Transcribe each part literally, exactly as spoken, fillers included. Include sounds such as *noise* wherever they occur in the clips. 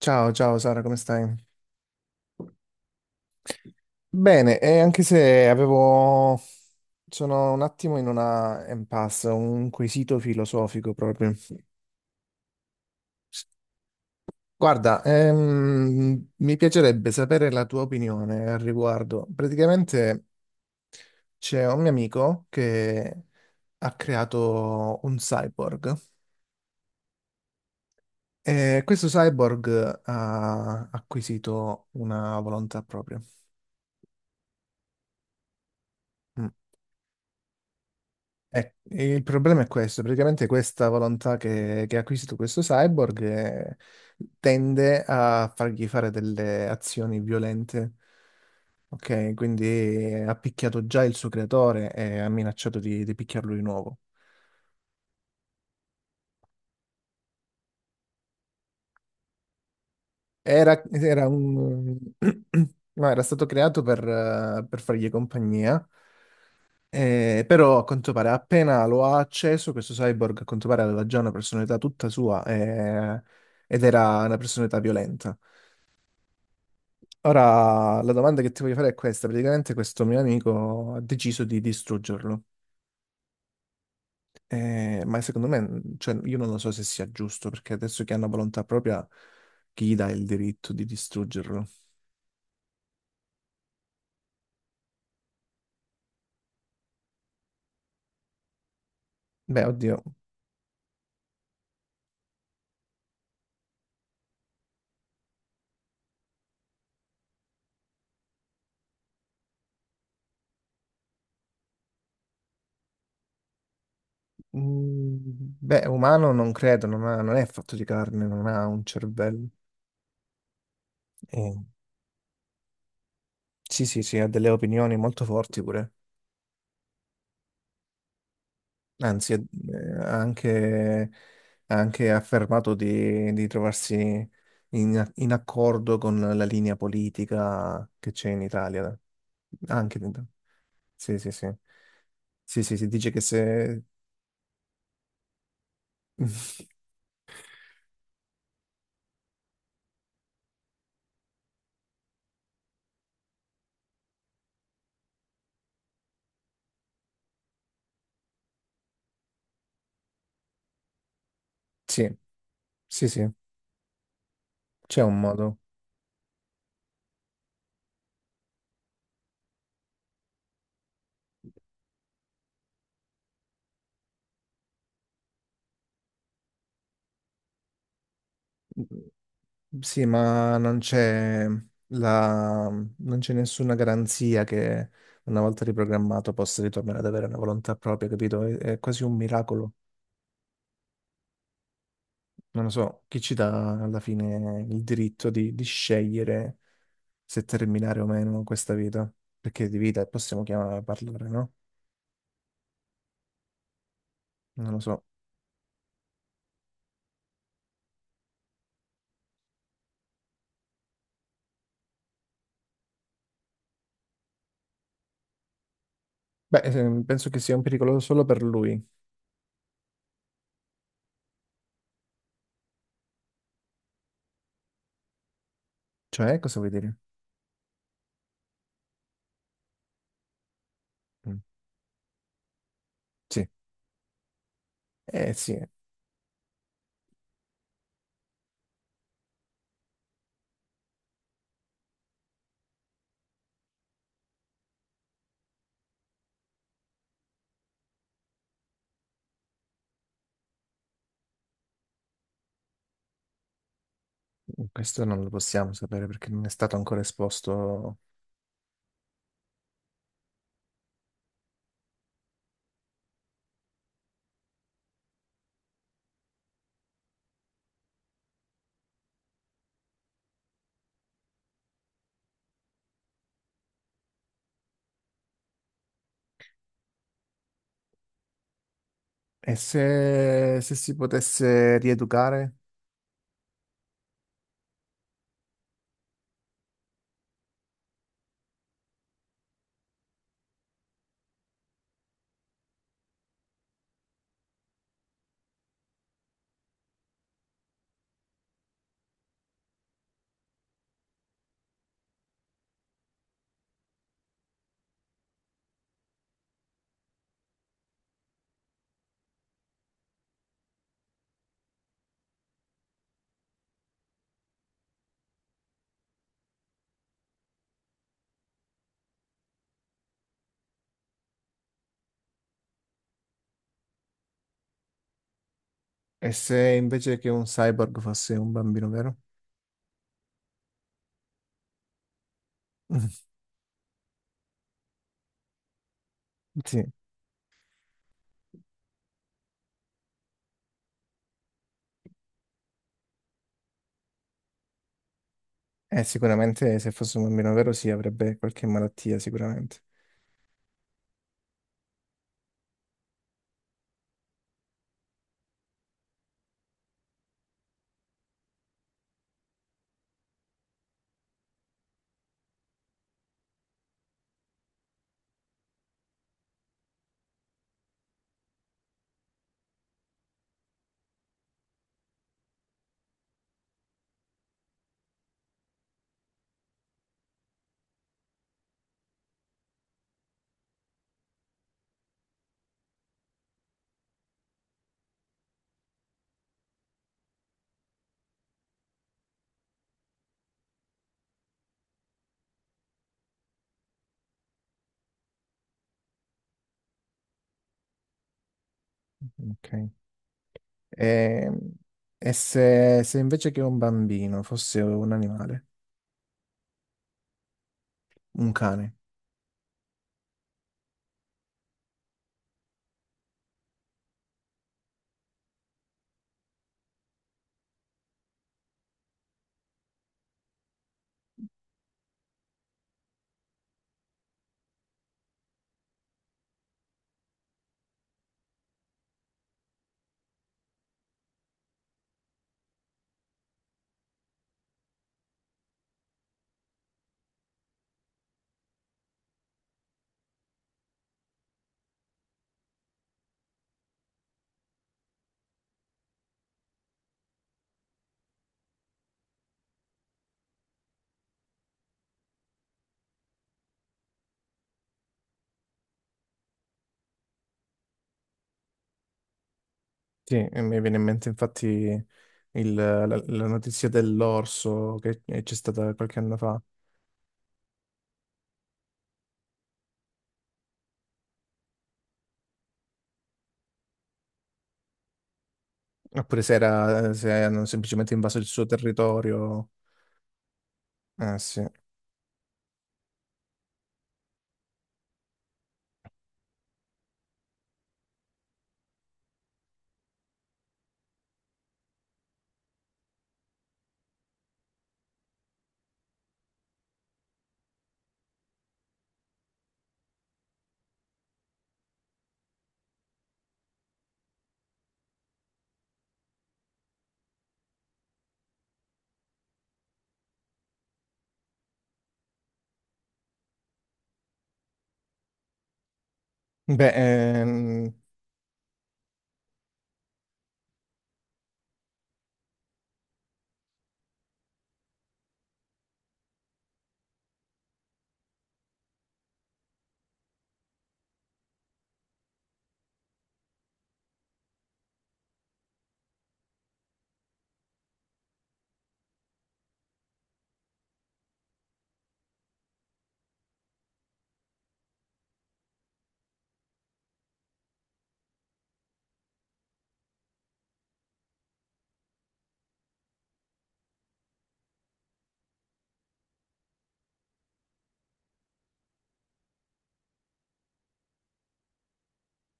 Ciao, ciao Sara, come stai? Bene, e anche se avevo... sono un attimo in una impasse, un quesito filosofico proprio. Guarda, ehm, mi piacerebbe sapere la tua opinione al riguardo. Praticamente c'è un mio amico che ha creato un cyborg e questo cyborg ha acquisito una volontà propria. Mm. Eh, il problema è questo, praticamente questa volontà che, che ha acquisito questo cyborg eh, tende a fargli fare delle azioni violente, ok? Quindi eh, ha picchiato già il suo creatore e ha minacciato di, di picchiarlo di nuovo. Era, era un... *clears throat* no, era stato creato per, eh, per fargli compagnia, eh, però a quanto pare appena lo ha acceso, questo cyborg a quanto pare aveva già una personalità tutta sua eh, ed era una personalità violenta. Ora la domanda che ti voglio fare è questa, praticamente questo mio amico ha deciso di distruggerlo. Eh, ma secondo me, cioè, io non lo so se sia giusto, perché adesso che hanno volontà propria, chi gli dà il diritto di distruggerlo? Beh, oddio. Mm, beh, umano non credo, non ha- non è fatto di carne, non ha un cervello. Eh, sì, sì, sì, ha delle opinioni molto forti pure. Anzi, eh, ha anche, ha anche affermato di, di trovarsi in, in accordo con la linea politica che c'è in Italia. Anche, in- sì, sì, sì. Sì, sì, si dice che se... *laughs* Sì, sì, sì, c'è un modo. Sì, ma non c'è la... non c'è nessuna garanzia che una volta riprogrammato possa ritornare ad avere una volontà propria, capito? È, è quasi un miracolo. Non lo so, chi ci dà alla fine il diritto di, di scegliere se terminare o meno questa vita? Perché di vita possiamo chiamare, parlare, no? Non lo so. Beh, ehm, penso che sia un pericolo solo per lui. Cioè, cosa vuoi dire? Mm. Sì. Eh sì, questo non lo possiamo sapere perché non è stato ancora esposto. E se, se si potesse rieducare? E se invece che un cyborg fosse un bambino vero? *laughs* Sì. Eh, sicuramente se fosse un bambino vero sì, avrebbe qualche malattia, sicuramente. Ok. E, e se, se invece che un bambino fosse un animale, un cane? Sì, e mi viene in mente infatti il- la, la notizia dell'orso che c'è stata qualche anno fa, oppure se, era, se hanno semplicemente invaso il suo territorio. Ah sì. Beh, ehm.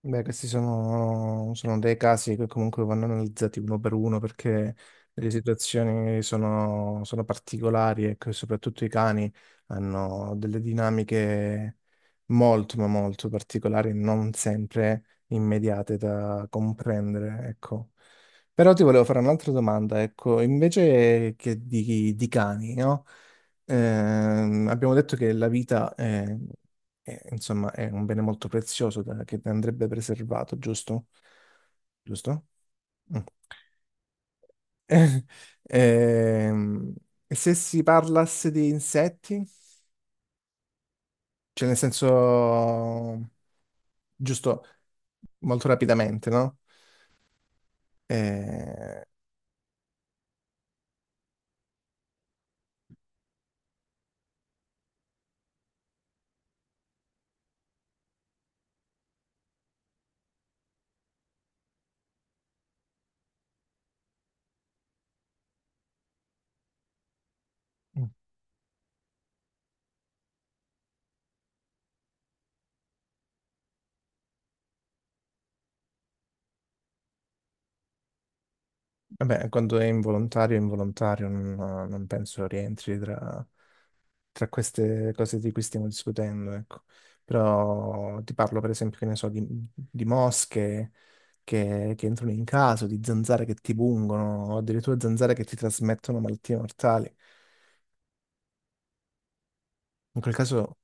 Beh, questi sono, sono dei casi che comunque vanno analizzati uno per uno perché le situazioni sono, sono particolari ecco, e che soprattutto i cani hanno delle dinamiche molto, ma molto particolari, non sempre immediate da comprendere, ecco. Però ti volevo fare un'altra domanda, ecco, invece che di, di cani, no? Ehm, abbiamo detto che la vita è eh, insomma, è un bene molto prezioso da- che andrebbe preservato, giusto? Giusto? Mm. *laughs* Eh, Ehm, e se si parlasse di insetti? Cioè, nel senso, giusto, molto rapidamente, no? Eh, vabbè, quando è involontario, è involontario, non, non penso rientri tra... tra queste cose di cui stiamo discutendo, ecco. Però ti parlo per esempio, che ne so, di, di mosche che, che entrano in casa, di zanzare che ti pungono, o addirittura zanzare che ti trasmettono malattie mortali. In quel caso,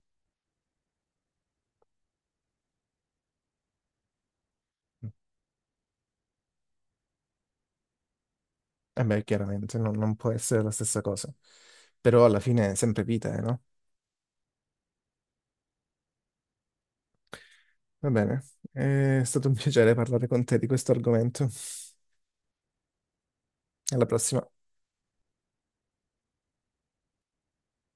eh beh, chiaramente non, non può essere la stessa cosa. Però alla fine è sempre vita, eh, no? Va bene, è stato un piacere parlare con te di questo argomento. Alla prossima.